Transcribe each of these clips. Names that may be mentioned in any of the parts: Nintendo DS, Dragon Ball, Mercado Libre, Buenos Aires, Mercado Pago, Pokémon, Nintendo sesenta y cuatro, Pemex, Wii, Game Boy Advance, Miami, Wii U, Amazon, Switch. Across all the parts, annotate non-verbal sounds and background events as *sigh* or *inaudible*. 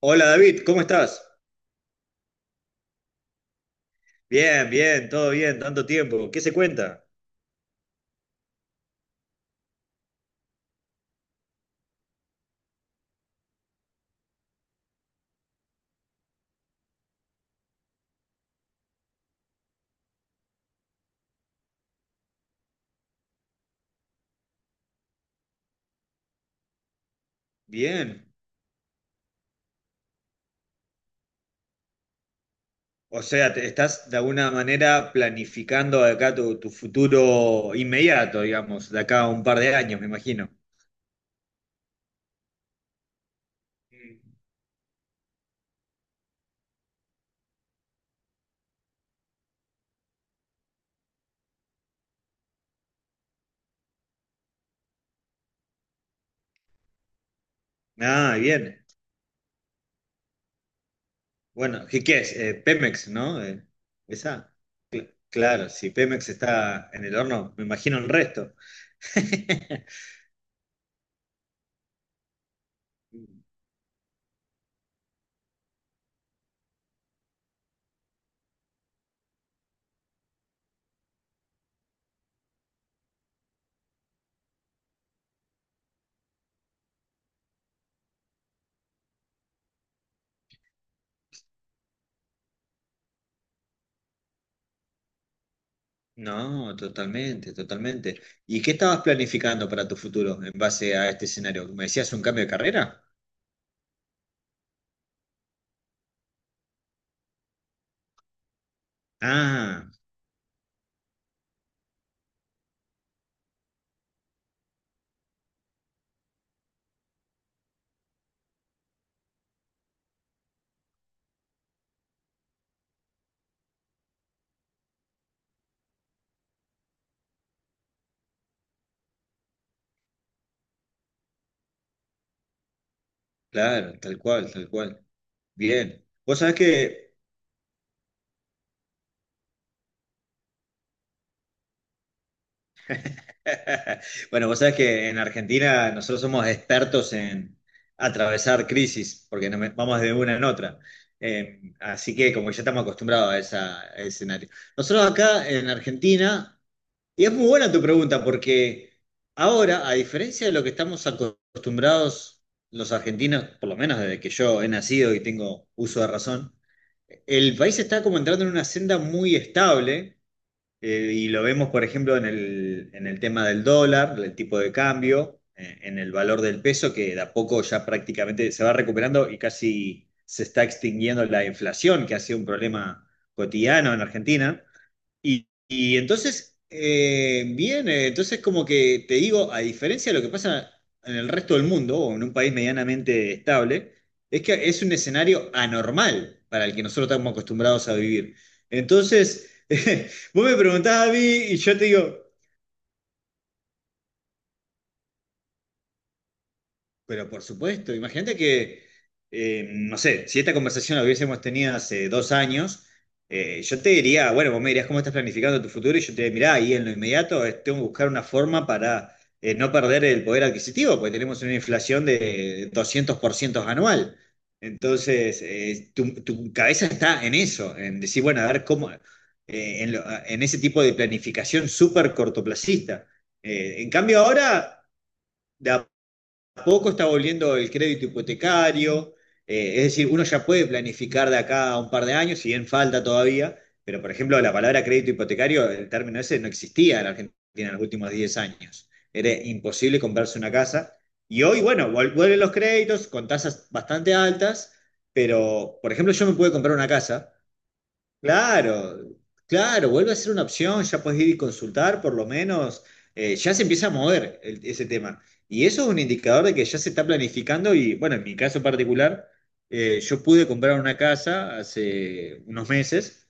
Hola David, ¿cómo estás? Bien, bien, todo bien, tanto tiempo. ¿Qué se cuenta? Bien. O sea, estás de alguna manera planificando de acá tu, tu futuro inmediato, digamos, de acá a un par de años, me imagino. Mm. Ah, bien. Bueno, ¿qué es? Pemex, ¿no? Esa. Claro, si Pemex está en el horno, me imagino el resto. *laughs* No, totalmente, totalmente. ¿Y qué estabas planificando para tu futuro en base a este escenario? ¿Me decías un cambio de carrera? Ah, claro, tal cual, tal cual. Bien. Vos sabés que, *laughs* bueno, vos sabés que en Argentina nosotros somos expertos en atravesar crisis, porque no me- vamos de una en otra. Así que como que ya estamos acostumbrados a esa, a ese escenario. Nosotros acá en Argentina. Y es muy buena tu pregunta, porque ahora, a diferencia de lo que estamos acostumbrados los argentinos, por lo menos desde que yo he nacido y tengo uso de razón, el país está como entrando en una senda muy estable, y lo vemos, por ejemplo, en el tema del dólar, el tipo de cambio, en el valor del peso, que de a poco ya prácticamente se va recuperando y casi se está extinguiendo la inflación, que ha sido un problema cotidiano en Argentina. Y entonces, bien, entonces como que te digo, a diferencia de lo que pasa en el resto del mundo o en un país medianamente estable, es que es un escenario anormal para el que nosotros estamos acostumbrados a vivir. Entonces, *laughs* vos me preguntás a mí y yo te digo, pero por supuesto, imagínate que, no sé, si esta conversación la hubiésemos tenido hace 2 años, yo te diría, bueno, vos me dirías cómo estás planificando tu futuro y yo te diría, mirá, ahí en lo inmediato tengo que buscar una forma para no perder el poder adquisitivo, porque tenemos una inflación de 200% anual. Entonces, tu, tu cabeza está en eso, en decir, bueno, a ver cómo, en ese tipo de planificación súper cortoplacista. En cambio, ahora poco está volviendo el crédito hipotecario, es decir, uno ya puede planificar de acá a un par de años, si bien falta todavía, pero por ejemplo la palabra crédito hipotecario, el término ese no existía en la Argentina en los últimos 10 años. Era imposible comprarse una casa. Y hoy, bueno, vuelven los créditos con tasas bastante altas, pero por ejemplo yo me pude comprar una casa. Claro, claro, vuelve a ser una opción, ya puedes ir y consultar, por lo menos, ya se empieza a mover ese tema. Y eso es un indicador de que ya se está planificando y, bueno, en mi caso particular, yo pude comprar una casa hace unos meses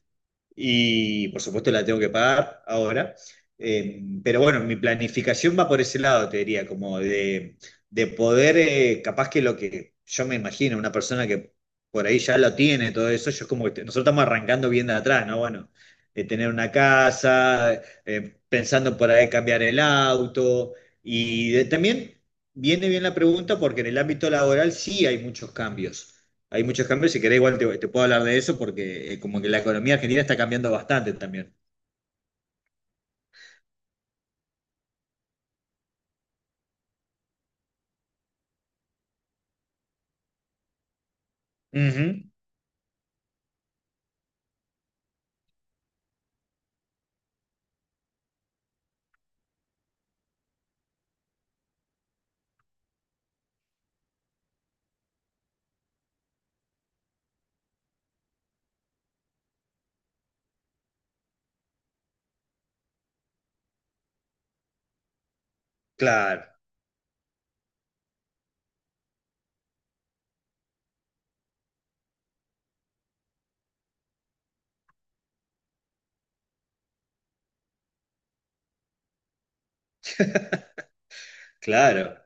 y por supuesto la tengo que pagar ahora. Pero bueno, mi planificación va por ese lado, te diría, como de poder, capaz que lo que yo me imagino, una persona que por ahí ya lo tiene, todo eso, yo es como que nosotros estamos arrancando bien de atrás, ¿no? Bueno, de tener una casa, pensando por ahí cambiar el auto, y también viene bien la pregunta porque en el ámbito laboral sí hay muchos cambios, hay muchos cambios. Si querés, igual te, te puedo hablar de eso porque como que la economía argentina está cambiando bastante también. Ujú. Claro, claro,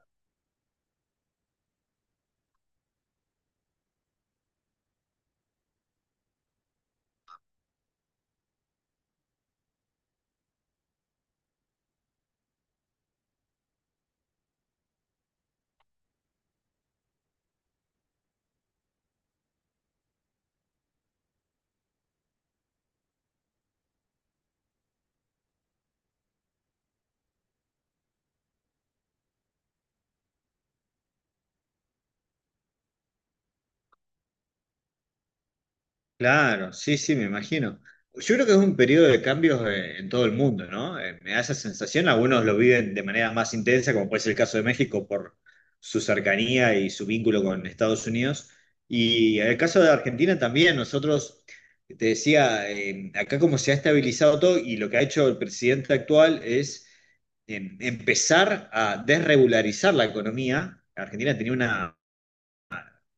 claro, sí, sí, me imagino. Yo creo que es un periodo de cambios en todo el mundo, ¿no? Me da esa sensación, algunos lo viven de manera más intensa, como puede ser el caso de México por su cercanía y su vínculo con Estados Unidos. Y en el caso de Argentina también, nosotros, te decía, acá como se ha estabilizado todo y lo que ha hecho el presidente actual es en empezar a desregularizar la economía. Argentina tenía una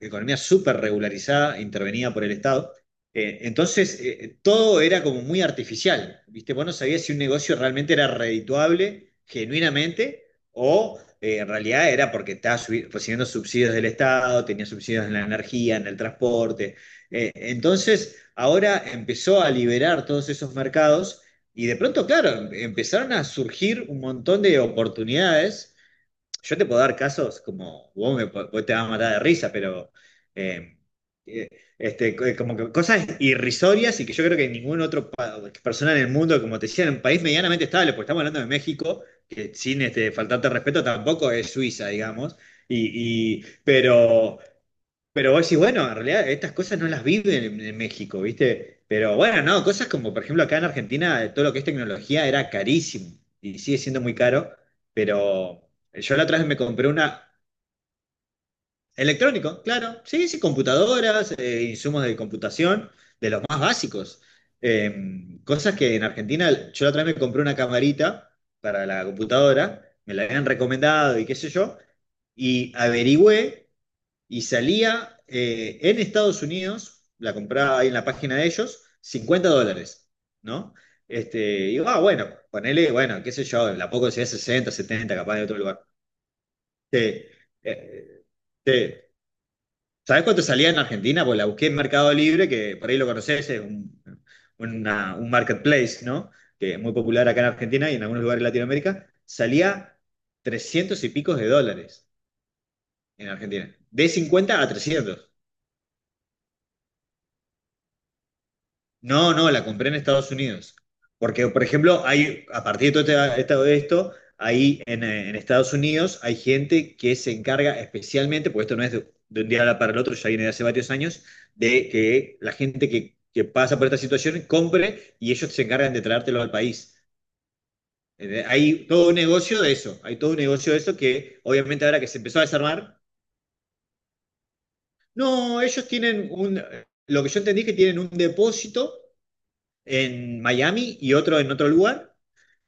economía súper regularizada, intervenida por el Estado. Entonces, todo era como muy artificial, ¿viste? Vos no sabías si un negocio realmente era redituable, genuinamente, o en realidad era porque estaba recibiendo subsidios del Estado, tenía subsidios en la energía, en el transporte. Entonces, ahora empezó a liberar todos esos mercados y de pronto, claro, empezaron a surgir un montón de oportunidades. Yo te puedo dar casos como vos, vos te vas a matar de risa, pero eh, eh, como que cosas irrisorias y que yo creo que ningún otro persona en el mundo, como te decía, en un país medianamente estable, porque estamos hablando de México, que sin este, faltarte respeto tampoco es Suiza, digamos. Y, y- pero pero vos decís, bueno, en realidad estas cosas no las viven en México, ¿viste? Pero bueno, no, cosas como, por ejemplo, acá en Argentina, todo lo que es tecnología era carísimo y sigue siendo muy caro, pero yo la otra vez me compré una electrónico, claro, sí, sí, computadoras, insumos de computación, de los más básicos. Cosas que en Argentina, yo la otra vez me compré una camarita para la computadora, me la habían recomendado y qué sé yo, y averigüé y salía en Estados Unidos, la compraba ahí en la página de ellos, 50 dólares, ¿no? Este, y digo, ah, bueno, ponele, bueno, qué sé yo, la poco sería 60 70 capaz de otro lugar. Te- eh, te- ¿Sabés cuánto salía en Argentina? Pues la busqué en Mercado Libre, que por ahí lo conocés, es un, un marketplace, ¿no? Que es muy popular acá en Argentina y en algunos lugares de Latinoamérica. Salía 300 y picos de dólares en Argentina. De 50 a 300. No, no, la compré en Estados Unidos. Porque, por ejemplo, hay, a partir de todo todo esto, ahí en Estados Unidos hay gente que se encarga especialmente, porque esto no es de un día para el otro, ya viene de hace varios años, de que la gente que pasa por esta situación compre y ellos se encargan de traértelo al país. Hay todo un negocio de eso, hay todo un negocio de eso que obviamente ahora que se empezó a desarmar, no, ellos tienen un, lo que yo entendí es que tienen un depósito en Miami y otro en otro lugar.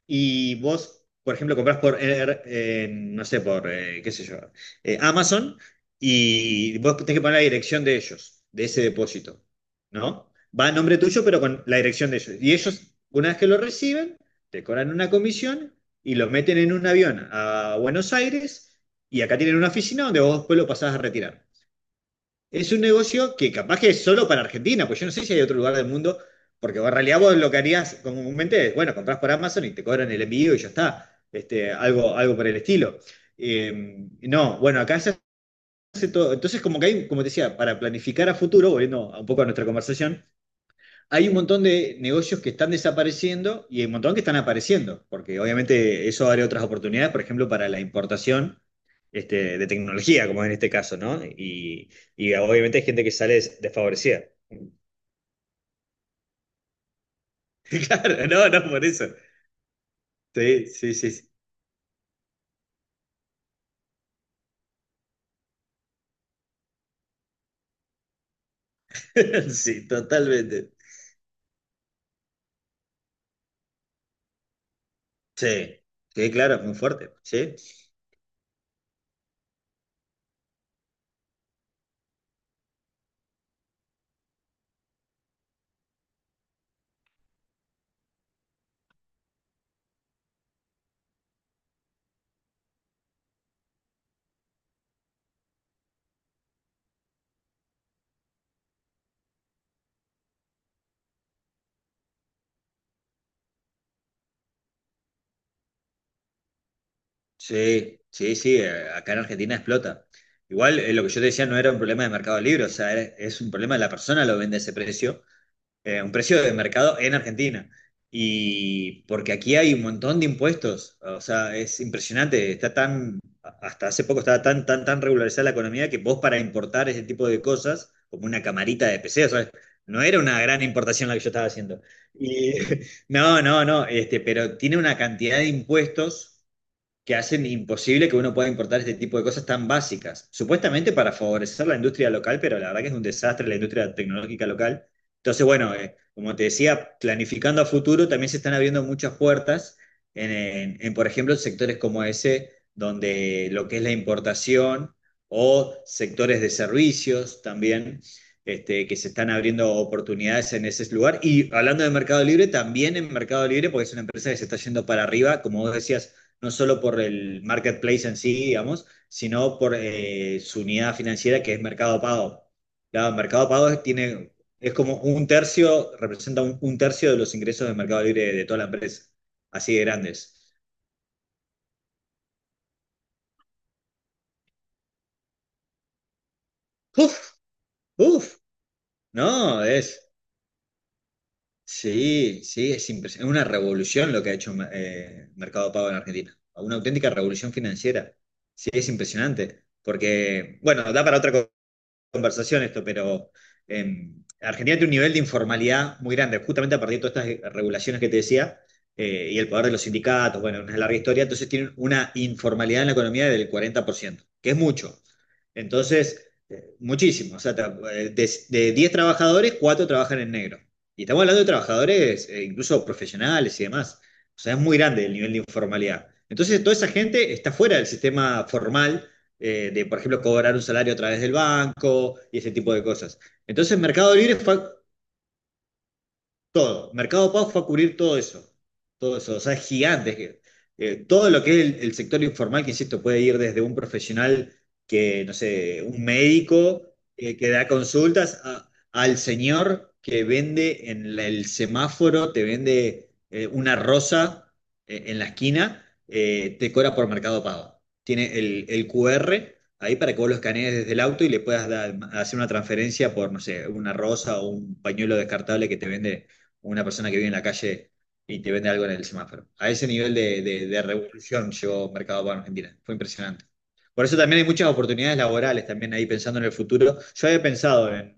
Y vos, por ejemplo, compras por, en, no sé, por, qué sé yo, Amazon, y vos tenés que poner la dirección de ellos, de ese depósito, ¿no? Va a nombre tuyo, pero con la dirección de ellos. Y ellos, una vez que lo reciben, te cobran una comisión y lo meten en un avión a Buenos Aires, y acá tienen una oficina donde vos después lo pasás a retirar. Es un negocio que capaz que es solo para Argentina, pues yo no sé si hay otro lugar del mundo, porque en realidad vos lo que harías comúnmente es, bueno, comprás por Amazon y te cobran el envío y ya está, este, algo, algo por el estilo. No, bueno, acá se hace todo, entonces como que hay, como te decía, para planificar a futuro, volviendo a un poco a nuestra conversación, hay un montón de negocios que están desapareciendo y hay un montón que están apareciendo, porque obviamente eso abre otras oportunidades, por ejemplo, para la importación, este, de tecnología, como en este caso, ¿no? Y obviamente hay gente que sale desfavorecida. *laughs* Claro, no, no, por eso. Sí, sí, sí. Sí, *laughs* sí, totalmente. Sí, sí, claro, muy fuerte. Sí, sí, sí, sí, acá en Argentina explota. Igual, lo que yo te decía no era un problema de Mercado Libre, o sea, es un problema de la persona lo vende a ese precio, un precio de mercado en Argentina. Y porque aquí hay un montón de impuestos, o sea, es impresionante, está tan, hasta hace poco estaba tan, tan, tan regularizada la economía que vos para importar ese tipo de cosas, como una camarita de PC, o sea, no era una gran importación la que yo estaba haciendo. Y, *laughs* no, no, no, este, pero tiene una cantidad de impuestos que hacen imposible que uno pueda importar este tipo de cosas tan básicas, supuestamente para favorecer la industria local, pero la verdad que es un desastre la industria tecnológica local. Entonces, bueno, como te decía, planificando a futuro, también se están abriendo muchas puertas en, por ejemplo, sectores como ese, donde lo que es la importación o sectores de servicios también. Este, que se están abriendo oportunidades en ese lugar. Y hablando de Mercado Libre, también en Mercado Libre, porque es una empresa que se está yendo para arriba, como vos decías, no solo por el marketplace en sí, digamos, sino por su unidad financiera que es Mercado Pago. Claro, Mercado Pago es- tiene, es como un tercio, representa un tercio de los ingresos de Mercado Libre de toda la empresa, así de grandes. Uf, uf, no, es, sí, sí, es impresionante, es una revolución lo que ha hecho Mercado Pago en Argentina, una auténtica revolución financiera. Sí, es impresionante, porque, bueno, da para otra conversación esto, pero eh, Argentina tiene un nivel de informalidad muy grande, justamente a partir de todas estas regulaciones que te decía, y el poder de los sindicatos, bueno, una larga historia, entonces tienen una informalidad en la economía del 40%, que es mucho. Entonces, muchísimo. O sea, de 10 trabajadores, 4 trabajan en negro. Y estamos hablando de trabajadores, incluso profesionales y demás. O sea, es muy grande el nivel de informalidad. Entonces, toda esa gente está fuera del sistema formal de, por ejemplo, cobrar un salario a través del banco y ese tipo de cosas. Entonces, Mercado Libre fue todo. Mercado Pago fue a cubrir todo eso. Todo eso. O sea, es gigante. Todo lo que es el sector informal, que insisto, puede ir desde un profesional que, no sé, un médico que da consultas, al señor que vende en el semáforo, te vende una rosa en la esquina, te cobra por Mercado Pago. Tiene el QR ahí para que vos lo escanees desde el auto y le puedas hacer una transferencia por, no sé, una rosa o un pañuelo descartable que te vende una persona que vive en la calle y te vende algo en el semáforo. A ese nivel de, de revolución llegó Mercado Pago en Argentina. Fue impresionante. Por eso también hay muchas oportunidades laborales también ahí pensando en el futuro. Yo había pensado en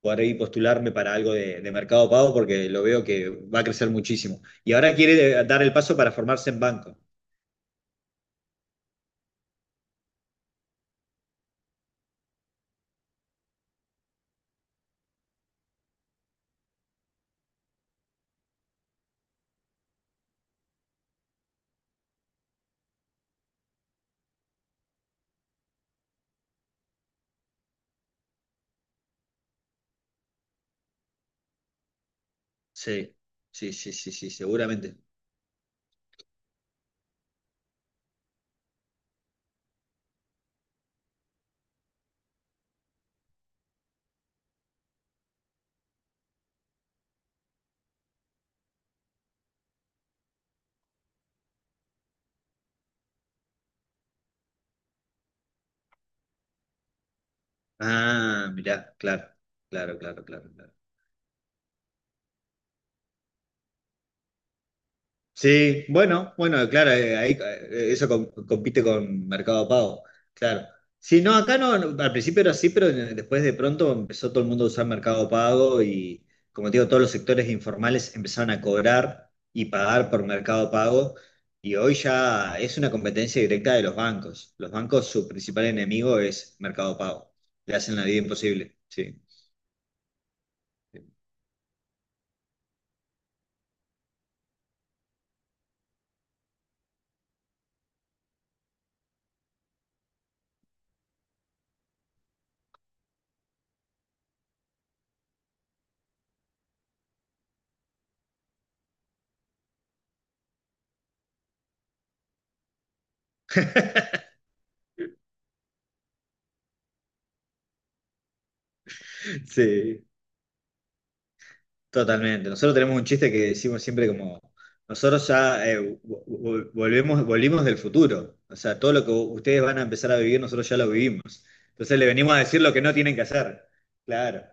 poder ahí postularme para algo de Mercado Pago porque lo veo que va a crecer muchísimo. Y ahora quiere dar el paso para formarse en banco. Sí, sí, sí, sí, sí, seguramente. Ah, mirá, claro, claro, claro, claro, claro. Sí, bueno, bueno, claro, ahí eso compite con Mercado Pago, claro. Sí, no, acá no, no, al principio era así, pero después de pronto empezó todo el mundo a usar Mercado Pago y, como te digo, todos los sectores informales empezaron a cobrar y pagar por Mercado Pago y hoy ya es una competencia directa de los bancos. Los bancos, su principal enemigo es Mercado Pago. Le hacen la vida imposible, sí. *laughs* Sí. Totalmente. Nosotros tenemos un chiste que decimos siempre como, nosotros ya volvimos del futuro. O sea, todo lo que ustedes van a empezar a vivir, nosotros ya lo vivimos. Entonces le venimos a decir lo que no tienen que hacer. Claro.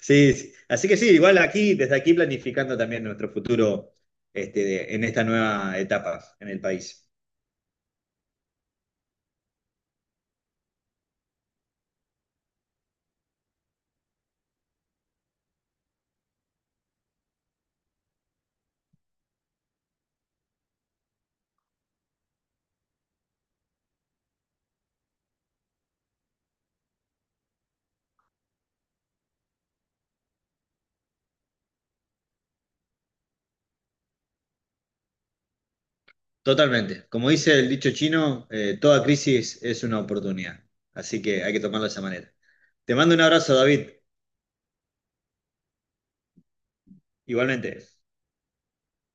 Sí, sí. Así que sí, igual aquí, desde aquí planificando también nuestro futuro este, en esta nueva etapa en el país. Totalmente. Como dice el dicho chino, toda crisis es una oportunidad. Así que hay que tomarlo de esa manera. Te mando un abrazo, David. Igualmente.